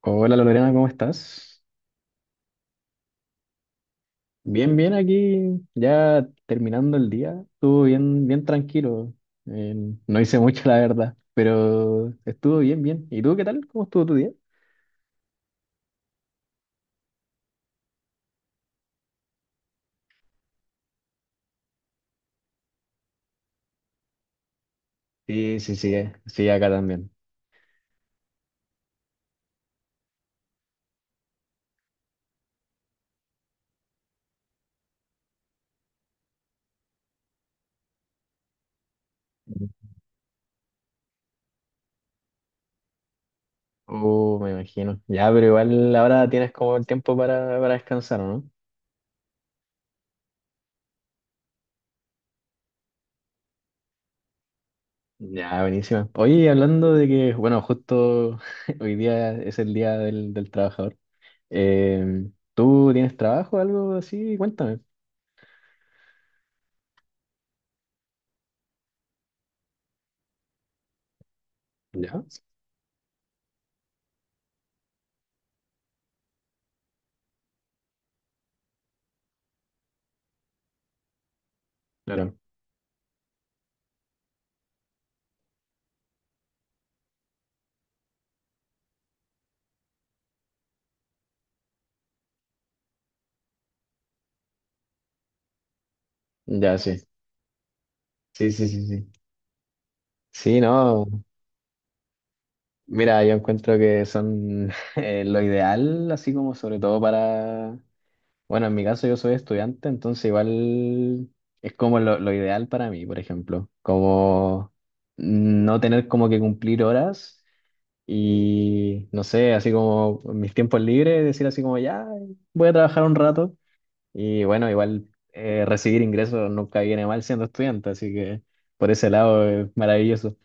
Hola Lorena, ¿cómo estás? Bien, bien, aquí ya terminando el día. Estuvo bien, bien tranquilo. Eh, no hice mucho, la verdad, pero estuvo bien, bien. ¿Y tú qué tal? ¿Cómo estuvo tu día? Sí, sí, sí, sí, acá también. Me imagino. Ya, pero igual ahora tienes como el tiempo para descansar, ¿o no? Ya, buenísima. Oye, hablando de que, bueno, justo hoy día es el día del trabajador. Eh, ¿Tú tienes trabajo o algo así? Cuéntame. Ya. Claro, ya sí. Sí, sí, sí, sí. Sí, no. Mira, yo encuentro que son lo ideal, así como sobre todo para. Bueno, en mi caso yo soy estudiante, entonces igual es como lo ideal para mí, por ejemplo. Como no tener como que cumplir horas y no sé, así como en mis tiempos libres, decir así como ya, voy a trabajar un rato. Y bueno, igual recibir ingresos nunca viene mal siendo estudiante, así que por ese lado es maravilloso.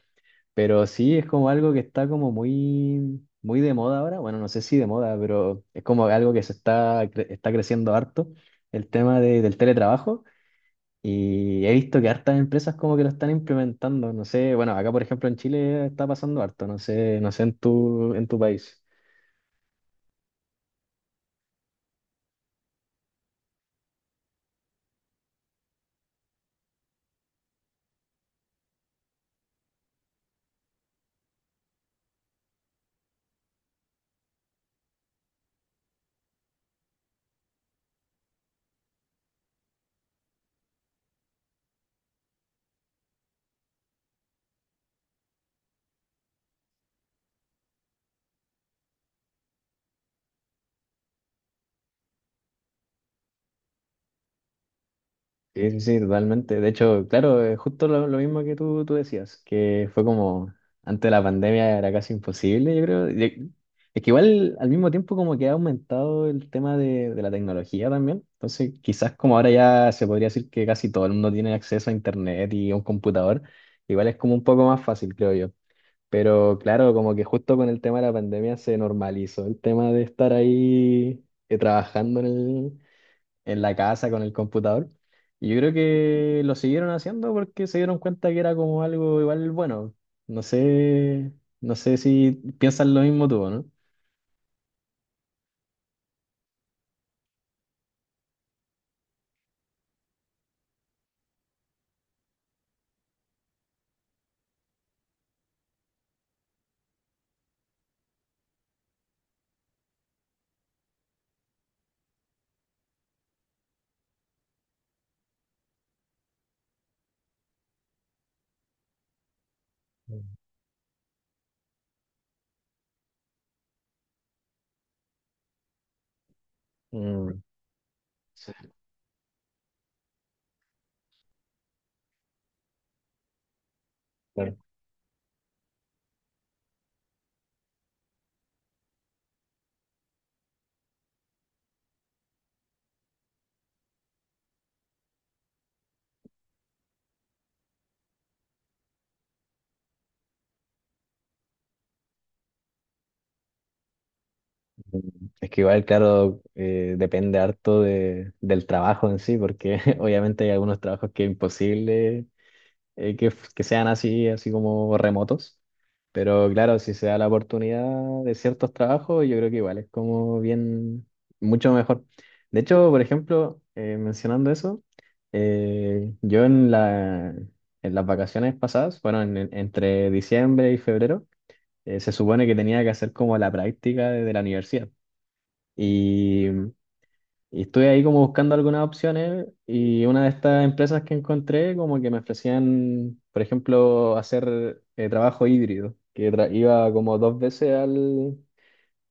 Pero sí es como algo que está como muy, muy de moda ahora. Bueno, no sé si de moda, pero es como algo que se está, está creciendo harto, el tema del teletrabajo. Y he visto que hartas empresas como que lo están implementando. No sé, bueno, acá por ejemplo en Chile está pasando harto, no sé, no sé en tu país. Sí, sí, sí, totalmente. De hecho, claro, justo lo mismo que tú decías, que fue como antes de la pandemia era casi imposible, yo creo. Es que igual al mismo tiempo como que ha aumentado el tema de la tecnología también. Entonces, quizás como ahora ya se podría decir que casi todo el mundo tiene acceso a internet y a un computador, igual es como un poco más fácil, creo yo. Pero claro, como que justo con el tema de la pandemia se normalizó el tema de estar ahí trabajando en la casa con el computador. Y yo creo que lo siguieron haciendo porque se dieron cuenta que era como algo igual bueno. No sé, no sé si piensas lo mismo tú, ¿no? Mm, sí, claro. Mm, es que igual, claro, depende harto del trabajo en sí, porque obviamente hay algunos trabajos que es imposible que, que sean así, así como remotos. Pero claro, si se da la oportunidad de ciertos trabajos, yo creo que igual es como bien, mucho mejor. De hecho, por ejemplo, mencionando eso, yo en las vacaciones pasadas, bueno, entre diciembre y febrero, se supone que tenía que hacer como la práctica de la universidad. Y estuve ahí como buscando algunas opciones y una de estas empresas que encontré como que me ofrecían, por ejemplo, hacer trabajo híbrido, que iba como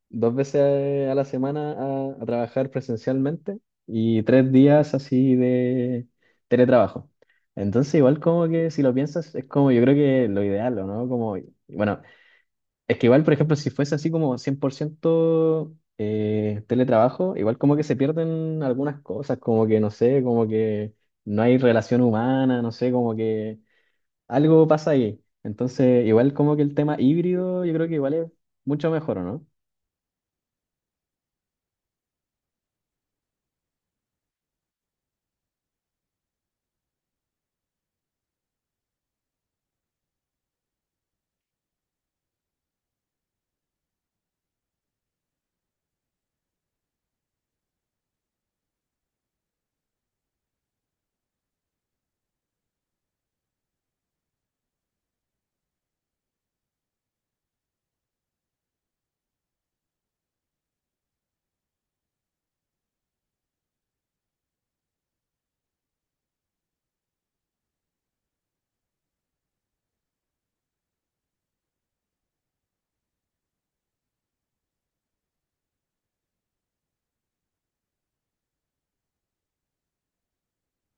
dos veces a la semana a trabajar presencialmente y tres días así de teletrabajo. Entonces igual como que si lo piensas es como yo creo que lo ideal, ¿o no? Como, bueno, es que igual, por ejemplo, si fuese así como 100% teletrabajo, igual como que se pierden algunas cosas, como que no sé, como que no hay relación humana, no sé, como que algo pasa ahí. Entonces, igual como que el tema híbrido, yo creo que igual es mucho mejor, ¿o no?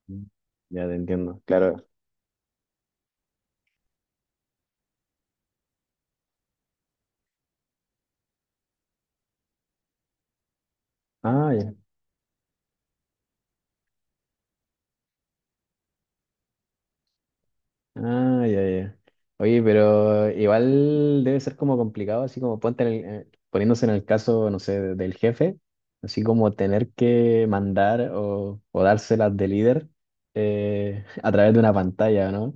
Mm. Ya te entiendo, claro. Ah, ah, ya, ya. Oye, pero igual debe ser como complicado, así como ponte poniéndose en el caso, no sé, del jefe, así como tener que mandar o dárselas de líder a través de una pantalla, ¿no?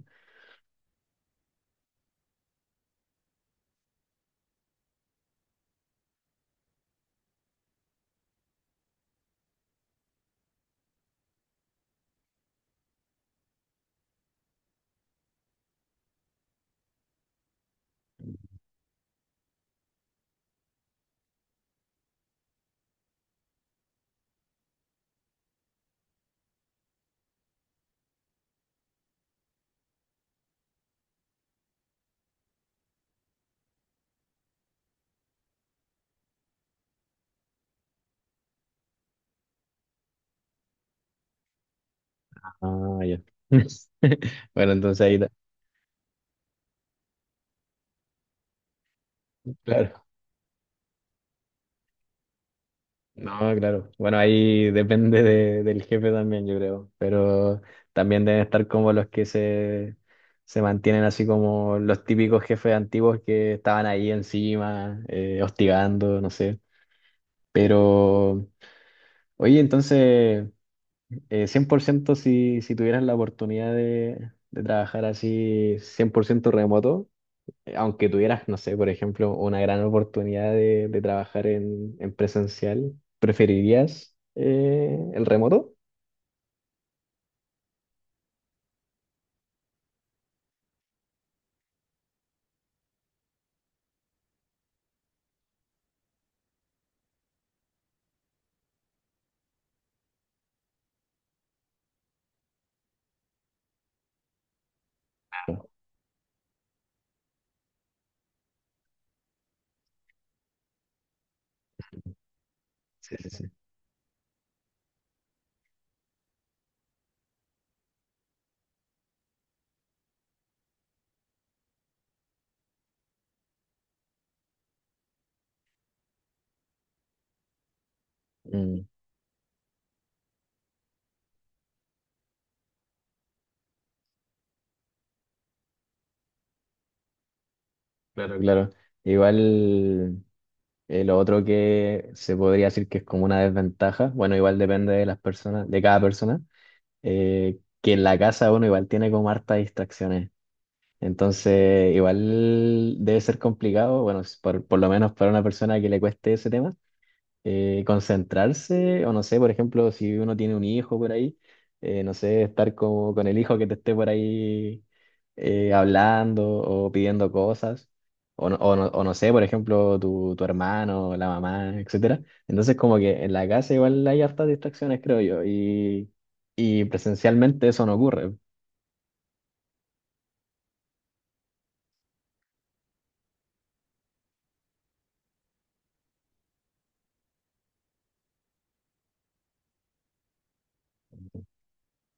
Ah, ya. Bueno, entonces ahí, ta- claro. No, claro. Bueno, ahí depende del jefe también, yo creo. Pero también deben estar como los se mantienen así como los típicos jefes antiguos que estaban ahí encima, hostigando, no sé. Pero, oye, entonces, 100% si tuvieras la oportunidad de trabajar así, 100% remoto, aunque tuvieras, no sé, por ejemplo, una gran oportunidad de trabajar en presencial, ¿preferirías el remoto? Claro. Sí, sí, sí. Mm, claro, claro. Igual lo otro que se podría decir que es como una desventaja, bueno, igual depende de las personas, de cada persona, que en la casa uno igual tiene como hartas distracciones. Entonces, igual debe ser complicado, bueno, por lo menos para una persona que le cueste ese tema, concentrarse, o no sé, por ejemplo, si uno tiene un hijo por ahí, no sé, estar como con el hijo que te esté por ahí hablando o pidiendo cosas, o no sé, por ejemplo, tu hermano, la mamá, etcétera. Entonces, como que en la casa igual hay hartas distracciones, creo yo, y presencialmente eso no ocurre.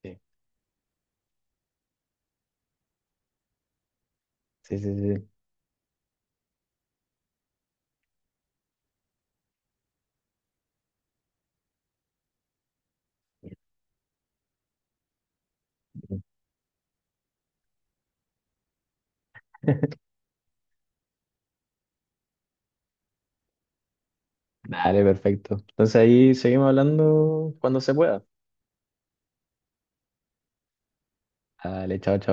Sí, sí, sí. Sí. Dale, perfecto. Entonces ahí seguimos hablando cuando se pueda. Dale, chao, chao.